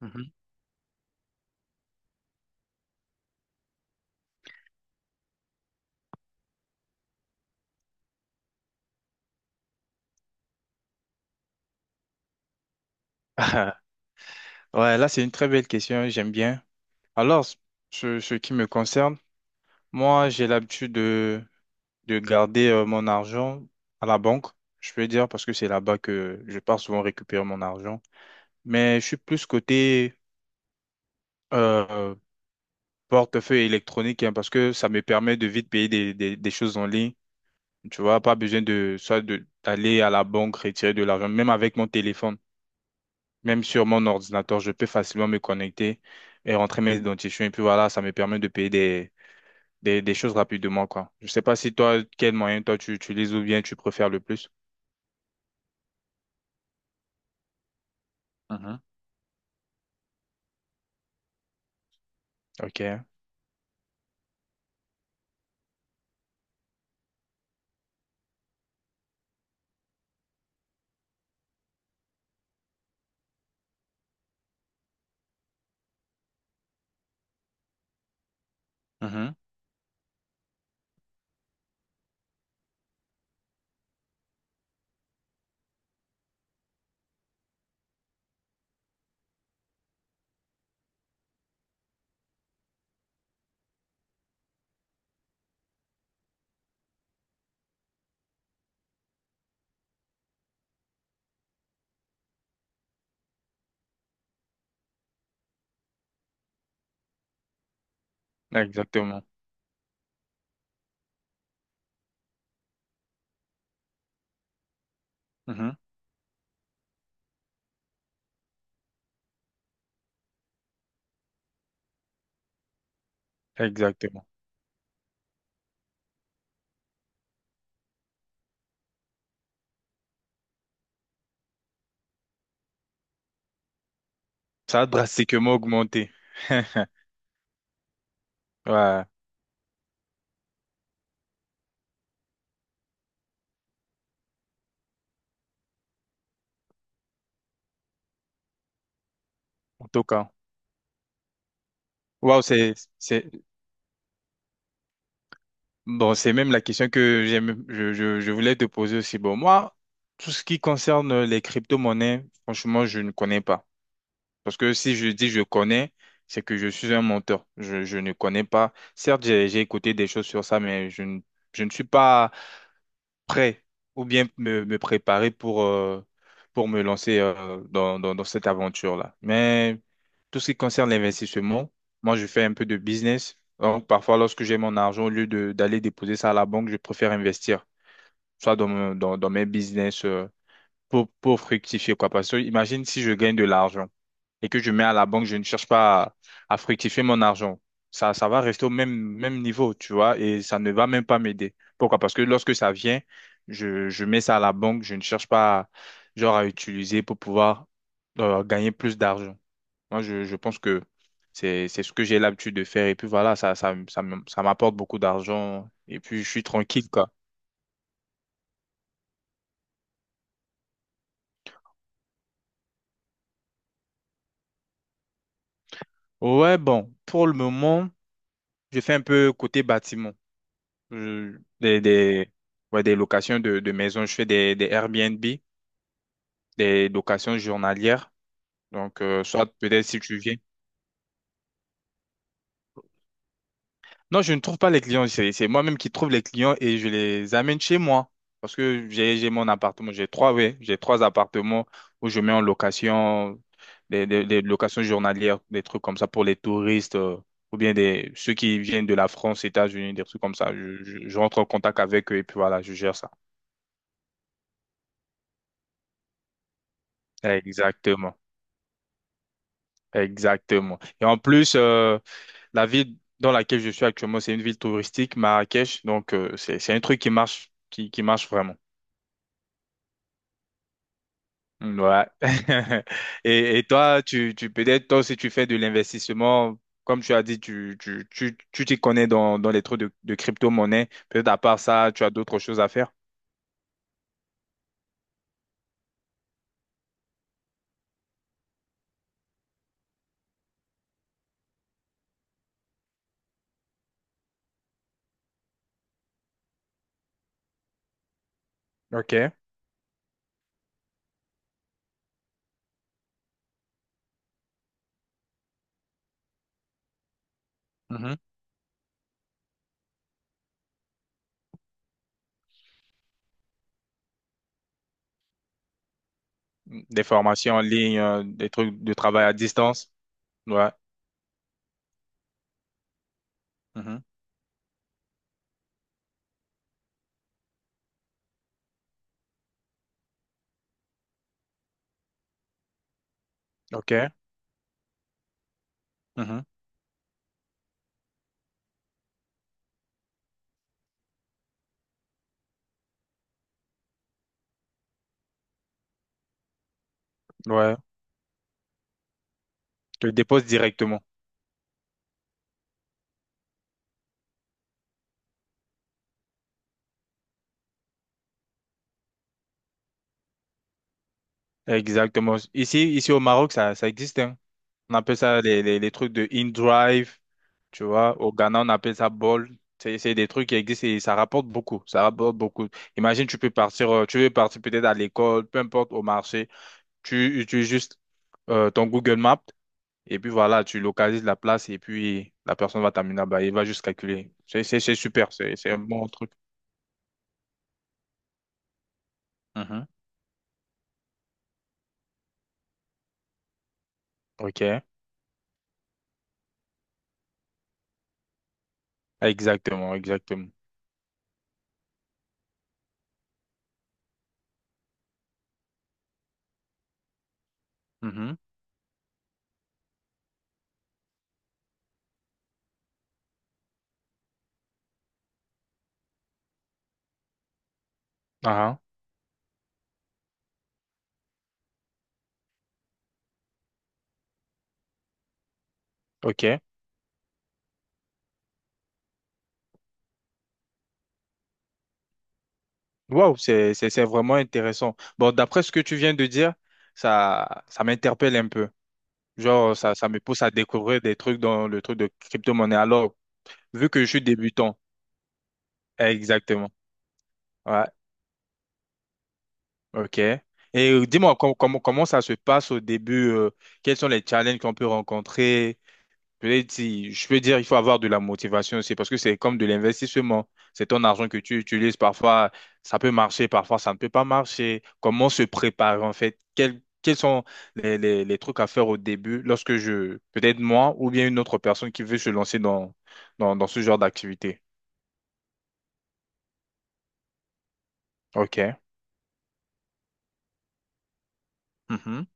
Mhm. Ouais, là, c'est une très belle question, j'aime bien. Alors, ce qui me concerne, moi, j'ai l'habitude de garder mon argent à la banque, je peux dire, parce que c'est là-bas que je pars souvent récupérer mon argent. Mais je suis plus côté euh, portefeuille électronique, hein, parce que ça me permet de vite payer des choses en ligne. Tu vois, pas besoin de d'aller à la banque retirer de l'argent, même avec mon téléphone. Même sur mon ordinateur, je peux facilement me connecter et rentrer mes identifiants. Et puis voilà, ça me permet de payer des choses rapidement, quoi. Je sais pas si toi, quel moyen toi tu utilises ou bien tu préfères le plus. Mhm, OK. Mhm. Exactement. Mhm. Exactement. Ça a drastiquement augmenté. Ouais, en tout cas. Waouh, c'est même la question que j'aime, je voulais te poser aussi. Bon, moi, tout ce qui concerne les crypto-monnaies, franchement, je ne connais pas. Parce que si je dis je connais, c'est que je suis un menteur. Je ne connais pas. Certes, j'ai écouté des choses sur ça, mais je ne suis pas prêt ou bien me préparer pour me lancer dans cette aventure-là. Mais tout ce qui concerne l'investissement, moi, je fais un peu de business. Donc, parfois, lorsque j'ai mon argent, au lieu d'aller déposer ça à la banque, je préfère investir, soit dans mes business pour fructifier, quoi. Parce que imagine si je gagne de l'argent et que je mets à la banque, je ne cherche pas à fructifier mon argent. Ça va rester au même niveau, tu vois, et ça ne va même pas m'aider. Pourquoi? Parce que lorsque ça vient, je mets ça à la banque, je ne cherche pas, genre, à utiliser pour pouvoir gagner plus d'argent. Moi, je pense que c'est ce que j'ai l'habitude de faire. Et puis voilà, ça m'apporte beaucoup d'argent. Et puis, je suis tranquille, quoi. Ouais, bon, pour le moment, je fais un peu côté bâtiment. euh, des, des, ouais, des locations de maisons. Je fais des Airbnb, des locations journalières. Donc, soit peut-être si tu viens. Non, je ne trouve pas les clients. C'est moi-même qui trouve les clients et je les amène chez moi. Parce que j'ai mon appartement. J'ai trois, oui. J'ai trois appartements où je mets en location des locations journalières, des trucs comme ça pour les touristes. Ou bien des, ceux qui viennent de la France, États-Unis, des trucs comme ça. Je rentre en contact avec eux et puis voilà, je gère ça. Exactement. Exactement. Et en plus, la ville dans laquelle je suis actuellement, c'est une ville touristique, Marrakech. Donc, c'est un truc qui marche, qui marche vraiment. Mm, ouais. Et toi, tu peut-être, toi si tu fais de l'investissement. Comme tu as dit, tu t'y connais dans les trucs de crypto-monnaie. Peut-être à part ça, tu as d'autres choses à faire. OK. Mhm. Des formations en ligne, des trucs de travail à distance. Ouais. Mhm. OK. Mhm. Ouais. Tu le déposes directement. Exactement. Ici au Maroc, ça existe, hein. On appelle ça les trucs de in-drive, tu vois. Au Ghana, on appelle ça ball. C'est des trucs qui existent et ça rapporte beaucoup. Ça rapporte beaucoup. Imagine, tu peux partir, tu veux partir peut-être à l'école, peu importe, au marché. Tu utilises juste ton Google Maps et puis voilà, tu localises la place et puis la personne va t'amener là-bas. Il va juste calculer. C'est super. C'est un bon truc. Mhm. OK. Exactement, exactement. Mhm. Ah, OK. Waouh, c'est vraiment intéressant. Bon, d'après ce que tu viens de dire, ça m'interpelle un peu. Genre, ça me pousse à découvrir des trucs dans le truc de crypto-monnaie. Alors, vu que je suis débutant, exactement. Ouais, ok. Et dis-moi, comment comment ça se passe au début? Euh, quels sont les challenges qu'on peut rencontrer? Peut-être je peux dire, il faut avoir de la motivation aussi parce que c'est comme de l'investissement. C'est ton argent que tu utilises. Parfois, ça peut marcher, parfois, ça ne peut pas marcher. Comment se préparer en fait? Quels sont les trucs à faire au début lorsque je, peut-être moi ou bien une autre personne qui veut se lancer dans ce genre d'activité? OK. Mhm.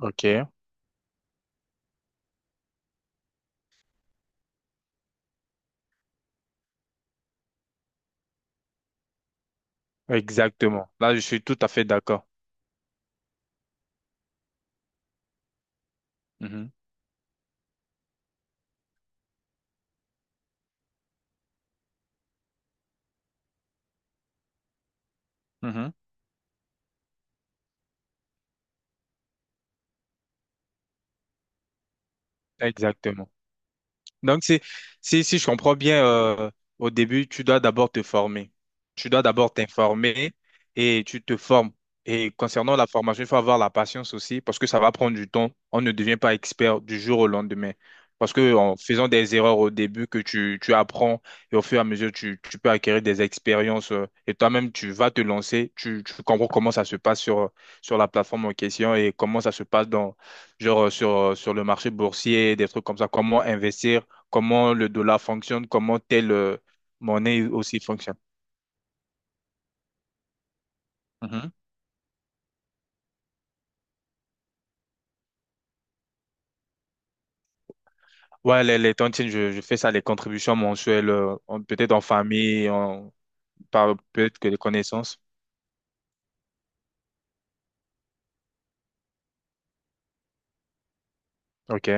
OK. Exactement. Là, je suis tout à fait d'accord. Mhm. Mhm. Exactement. Donc, c'est, si je comprends bien, au début, tu dois d'abord te former. Tu dois d'abord t'informer et tu te formes. Et concernant la formation, il faut avoir la patience aussi parce que ça va prendre du temps. On ne devient pas expert du jour au lendemain. Parce que en faisant des erreurs au début que tu apprends et au fur et à mesure, tu peux acquérir des expériences et toi-même, tu vas te lancer. Tu comprends comment ça se passe sur la plateforme en question et comment ça se passe dans, genre, sur, sur le marché boursier, des trucs comme ça, comment investir comment le dollar fonctionne, comment telle monnaie aussi fonctionne. Mhm. Ouais, les tontines, je fais ça, les contributions mensuelles, peut-être en famille, en, par peut-être que les connaissances. Ok,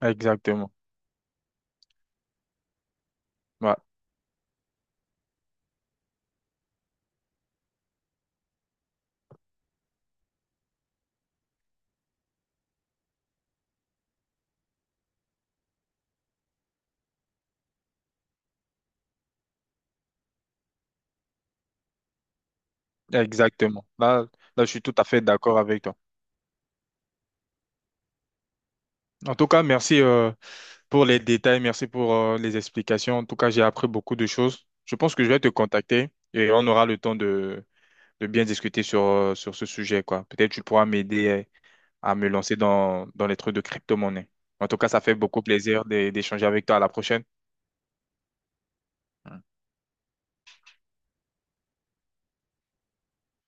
exactement. Ouais, exactement. Là, je suis tout à fait d'accord avec toi. En tout cas, merci pour les détails, merci pour les explications. En tout cas, j'ai appris beaucoup de choses. Je pense que je vais te contacter et on aura le temps de bien discuter sur, sur ce sujet, quoi. Peut-être tu pourras m'aider à me lancer dans, dans les trucs de crypto-monnaie. En tout cas, ça fait beaucoup plaisir d'échanger avec toi. À la prochaine.